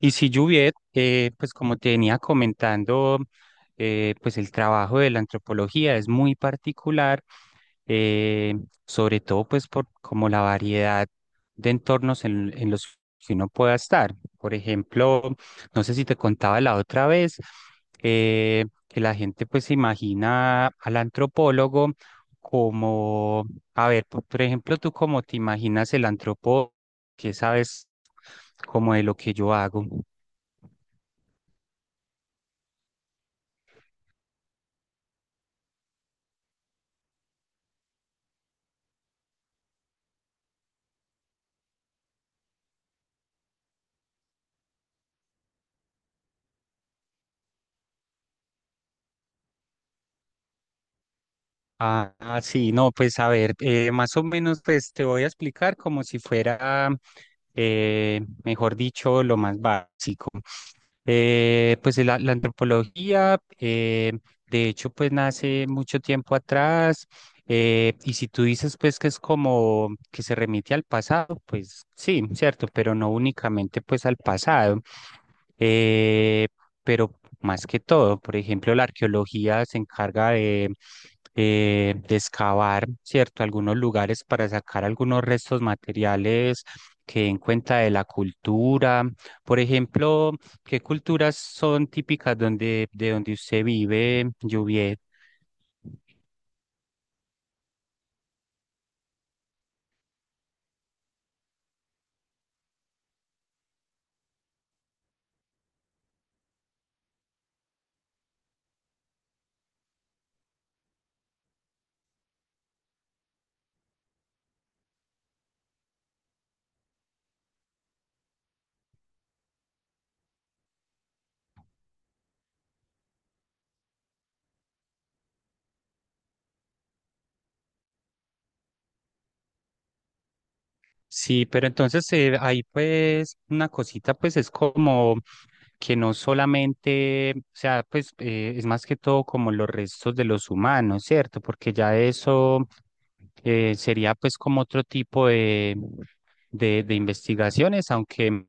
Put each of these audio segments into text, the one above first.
Y si Juviet, pues como te venía comentando, pues el trabajo de la antropología es muy particular, eh, sobre todo pues por como la variedad de entornos en los que uno pueda estar. Por ejemplo, no sé si te contaba la otra vez, que la gente pues se imagina al antropólogo como, a ver, por ejemplo, tú cómo te imaginas el antropólogo, que sabes como de lo que yo hago. Ah, ah, sí, no, pues a ver, más o menos pues te voy a explicar como si fuera, mejor dicho, lo más básico. Pues de la antropología, de hecho, pues nace mucho tiempo atrás. Y si tú dices, pues, que es como que se remite al pasado, pues sí, cierto, pero no únicamente, pues, al pasado. eh, pero más que todo, por ejemplo, la arqueología se encarga de excavar, ¿cierto?, algunos lugares para sacar algunos restos materiales que den cuenta de la cultura. Por ejemplo, ¿qué culturas son típicas donde, de donde usted vive, Juviet? Sí, pero entonces ahí pues una cosita pues es como que no solamente, o sea, pues es más que todo como los restos de los humanos, ¿cierto? Porque ya eso sería pues como otro tipo de investigaciones, aunque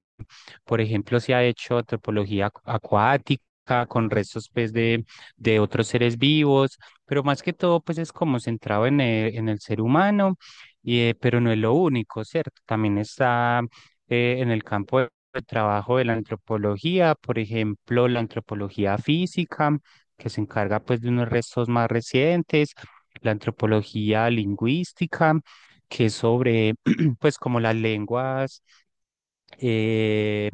por ejemplo se ha hecho antropología acuática con restos pues de otros seres vivos, pero más que todo pues es como centrado en el ser humano y, pero no es lo único, ¿cierto? También está en el campo de trabajo de la antropología, por ejemplo, la antropología física, que se encarga pues de unos restos más recientes, la antropología lingüística, que es sobre pues como las lenguas, eh,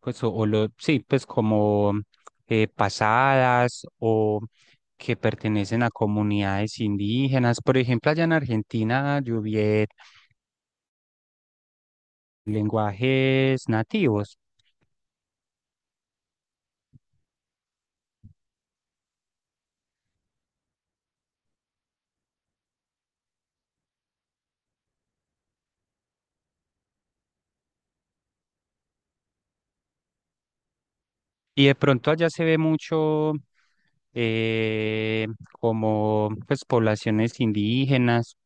pues o lo, sí, pues como pasadas que pertenecen a comunidades indígenas. Por ejemplo, allá en Argentina, Lluviet, lenguajes nativos. Y de pronto allá se ve mucho eh, como pues poblaciones indígenas.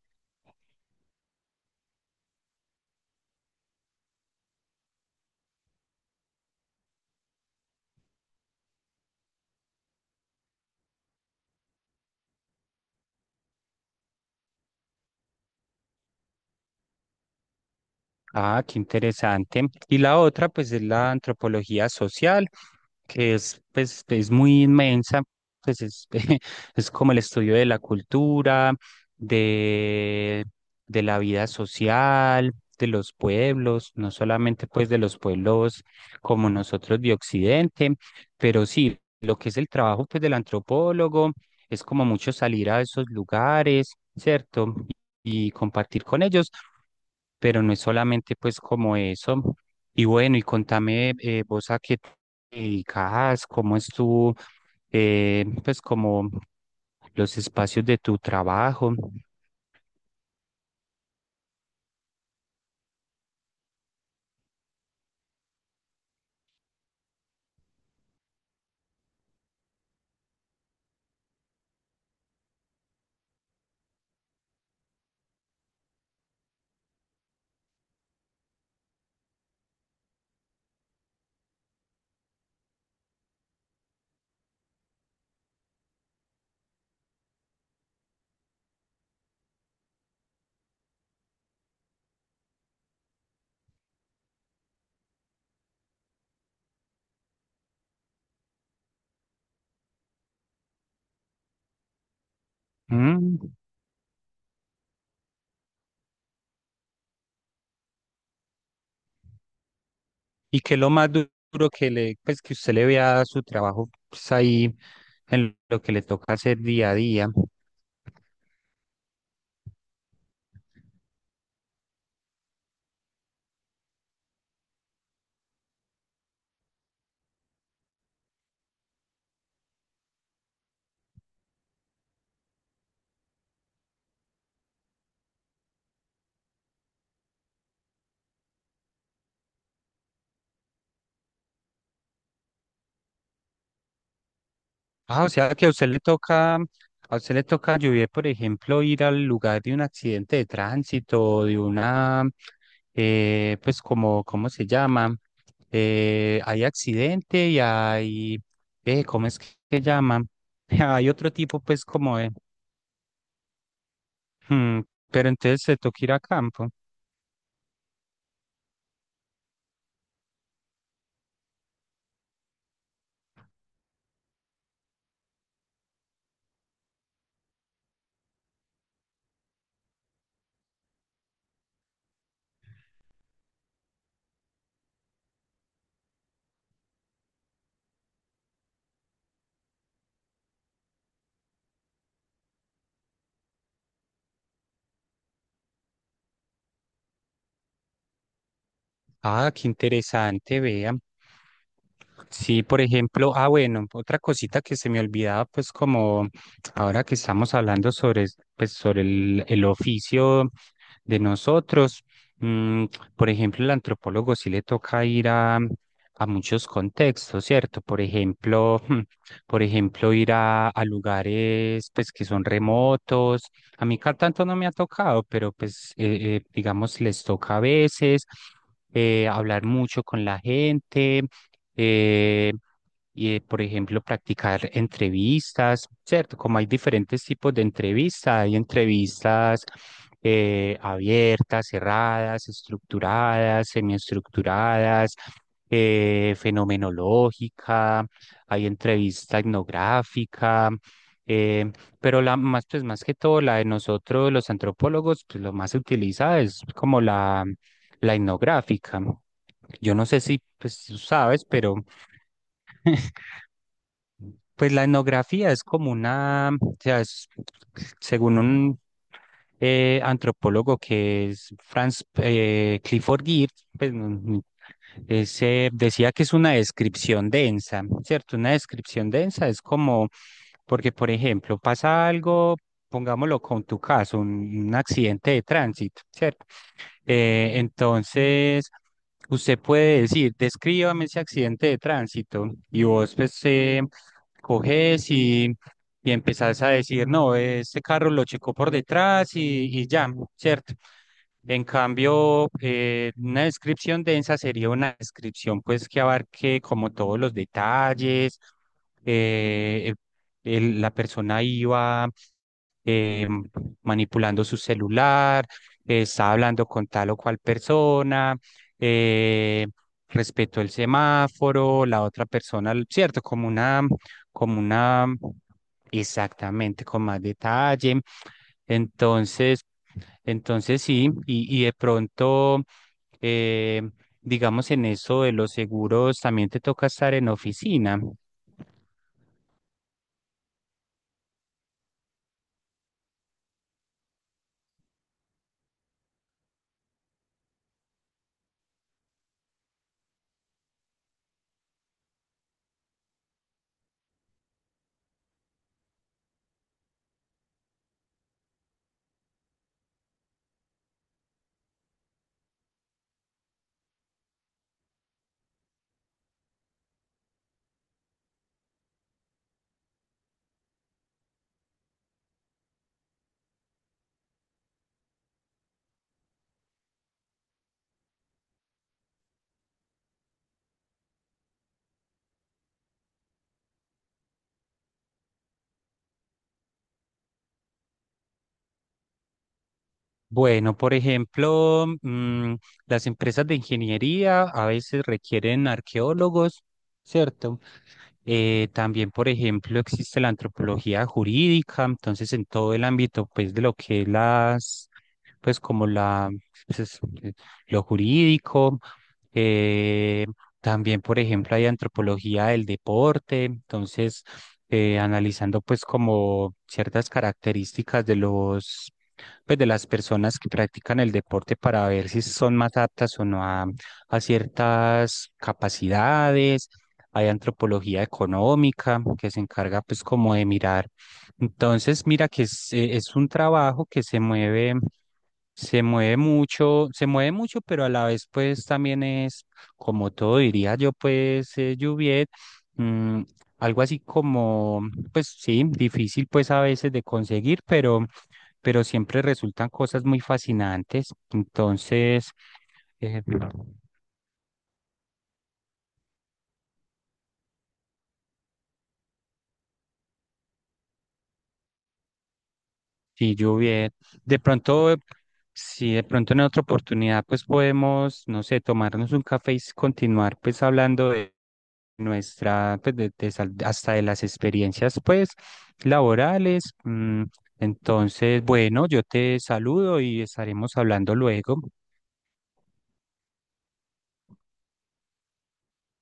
Ah, qué interesante. Y la otra, pues, es la antropología social, que es, pues, es muy inmensa, pues es, es como el estudio de la cultura, de, de la vida social, de los pueblos, no solamente pues de los pueblos como nosotros de Occidente, pero sí, lo que es el trabajo pues del antropólogo es como mucho salir a esos lugares, ¿cierto? Y compartir con ellos, pero no es solamente pues como eso. Y bueno, y contame vos a qué te dedicas, cómo es tu, pues como los espacios de tu trabajo. Mm, ¿y qué es lo más duro que le, pues que usted le vea a su trabajo pues, ahí en lo que le toca hacer día a día? Ah, o sea que a usted le toca, a usted le toca lluvia, por ejemplo, ir al lugar de un accidente de tránsito, o de una, pues como, ¿cómo se llama? Hay accidente y hay, ¿cómo es que se llama? Hay otro tipo, pues como de, mm, pero entonces se toca ir a campo. Ah, qué interesante, vean. Sí, por ejemplo, ah, bueno, otra cosita que se me olvidaba, pues como ahora que estamos hablando sobre, pues, sobre el oficio de nosotros, mm, por ejemplo, el antropólogo sí le toca ir a muchos contextos, ¿cierto? Por ejemplo, por ejemplo, ir a lugares, pues, que son remotos, a mí tanto no me ha tocado, pero pues digamos les toca a veces hablar mucho con la gente, eh, y por ejemplo practicar entrevistas, ¿cierto? Como hay diferentes tipos de entrevistas, hay entrevistas abiertas, cerradas, estructuradas, semiestructuradas, fenomenológica, hay entrevista etnográfica. eh, pero la más, pues más que todo, la de nosotros, los antropólogos, pues lo más se utiliza es como la etnográfica. Yo no sé si, pues tú sabes, pero pues la etnografía es como una, o sea, es- según un antropólogo que es Franz Clifford Geertz, pues, mm, se decía que es una descripción densa, ¿cierto? Una descripción densa es como, porque por ejemplo, pasa algo, pongámoslo con tu caso, un accidente de tránsito, ¿cierto? Entonces, usted puede decir, descríbame ese accidente de tránsito y vos pues coges y empezás a decir, no, este carro lo checó por detrás y ya, ¿cierto? En cambio, una descripción densa sería una descripción pues que abarque como todos los detalles, eh, el- la persona iba eh, manipulando su celular, estaba hablando con tal o cual persona, eh, respetó el semáforo, la otra persona, ¿cierto? Como una, exactamente, con más detalle. Entonces, entonces sí, y de pronto, eh, digamos, en eso de los seguros, también te toca estar en oficina. Bueno, por ejemplo, mm, las empresas de ingeniería a veces requieren arqueólogos, ¿cierto? También, por ejemplo, existe la antropología jurídica, entonces en todo el ámbito, pues, de lo que es las, pues, como la, pues, es, lo jurídico. Eh, también, por ejemplo, hay antropología del deporte, entonces, analizando, pues, como ciertas características de los, pues, de las personas que practican el deporte para ver si son más aptas o no a, a ciertas capacidades hay antropología económica que se encarga pues como de mirar. Entonces, mira que es un trabajo que se mueve mucho, pero a la vez pues también es, como todo diría yo pues, Juviet, mm, algo así como, pues sí, difícil pues a veces de conseguir, pero siempre resultan cosas muy fascinantes. Entonces... claro. Sí, yo bien. De pronto, si de pronto en otra oportunidad, pues podemos, no sé, tomarnos un café y continuar pues hablando de nuestra, pues de, hasta de las experiencias pues laborales. Mm, entonces, bueno, yo te saludo y estaremos hablando luego.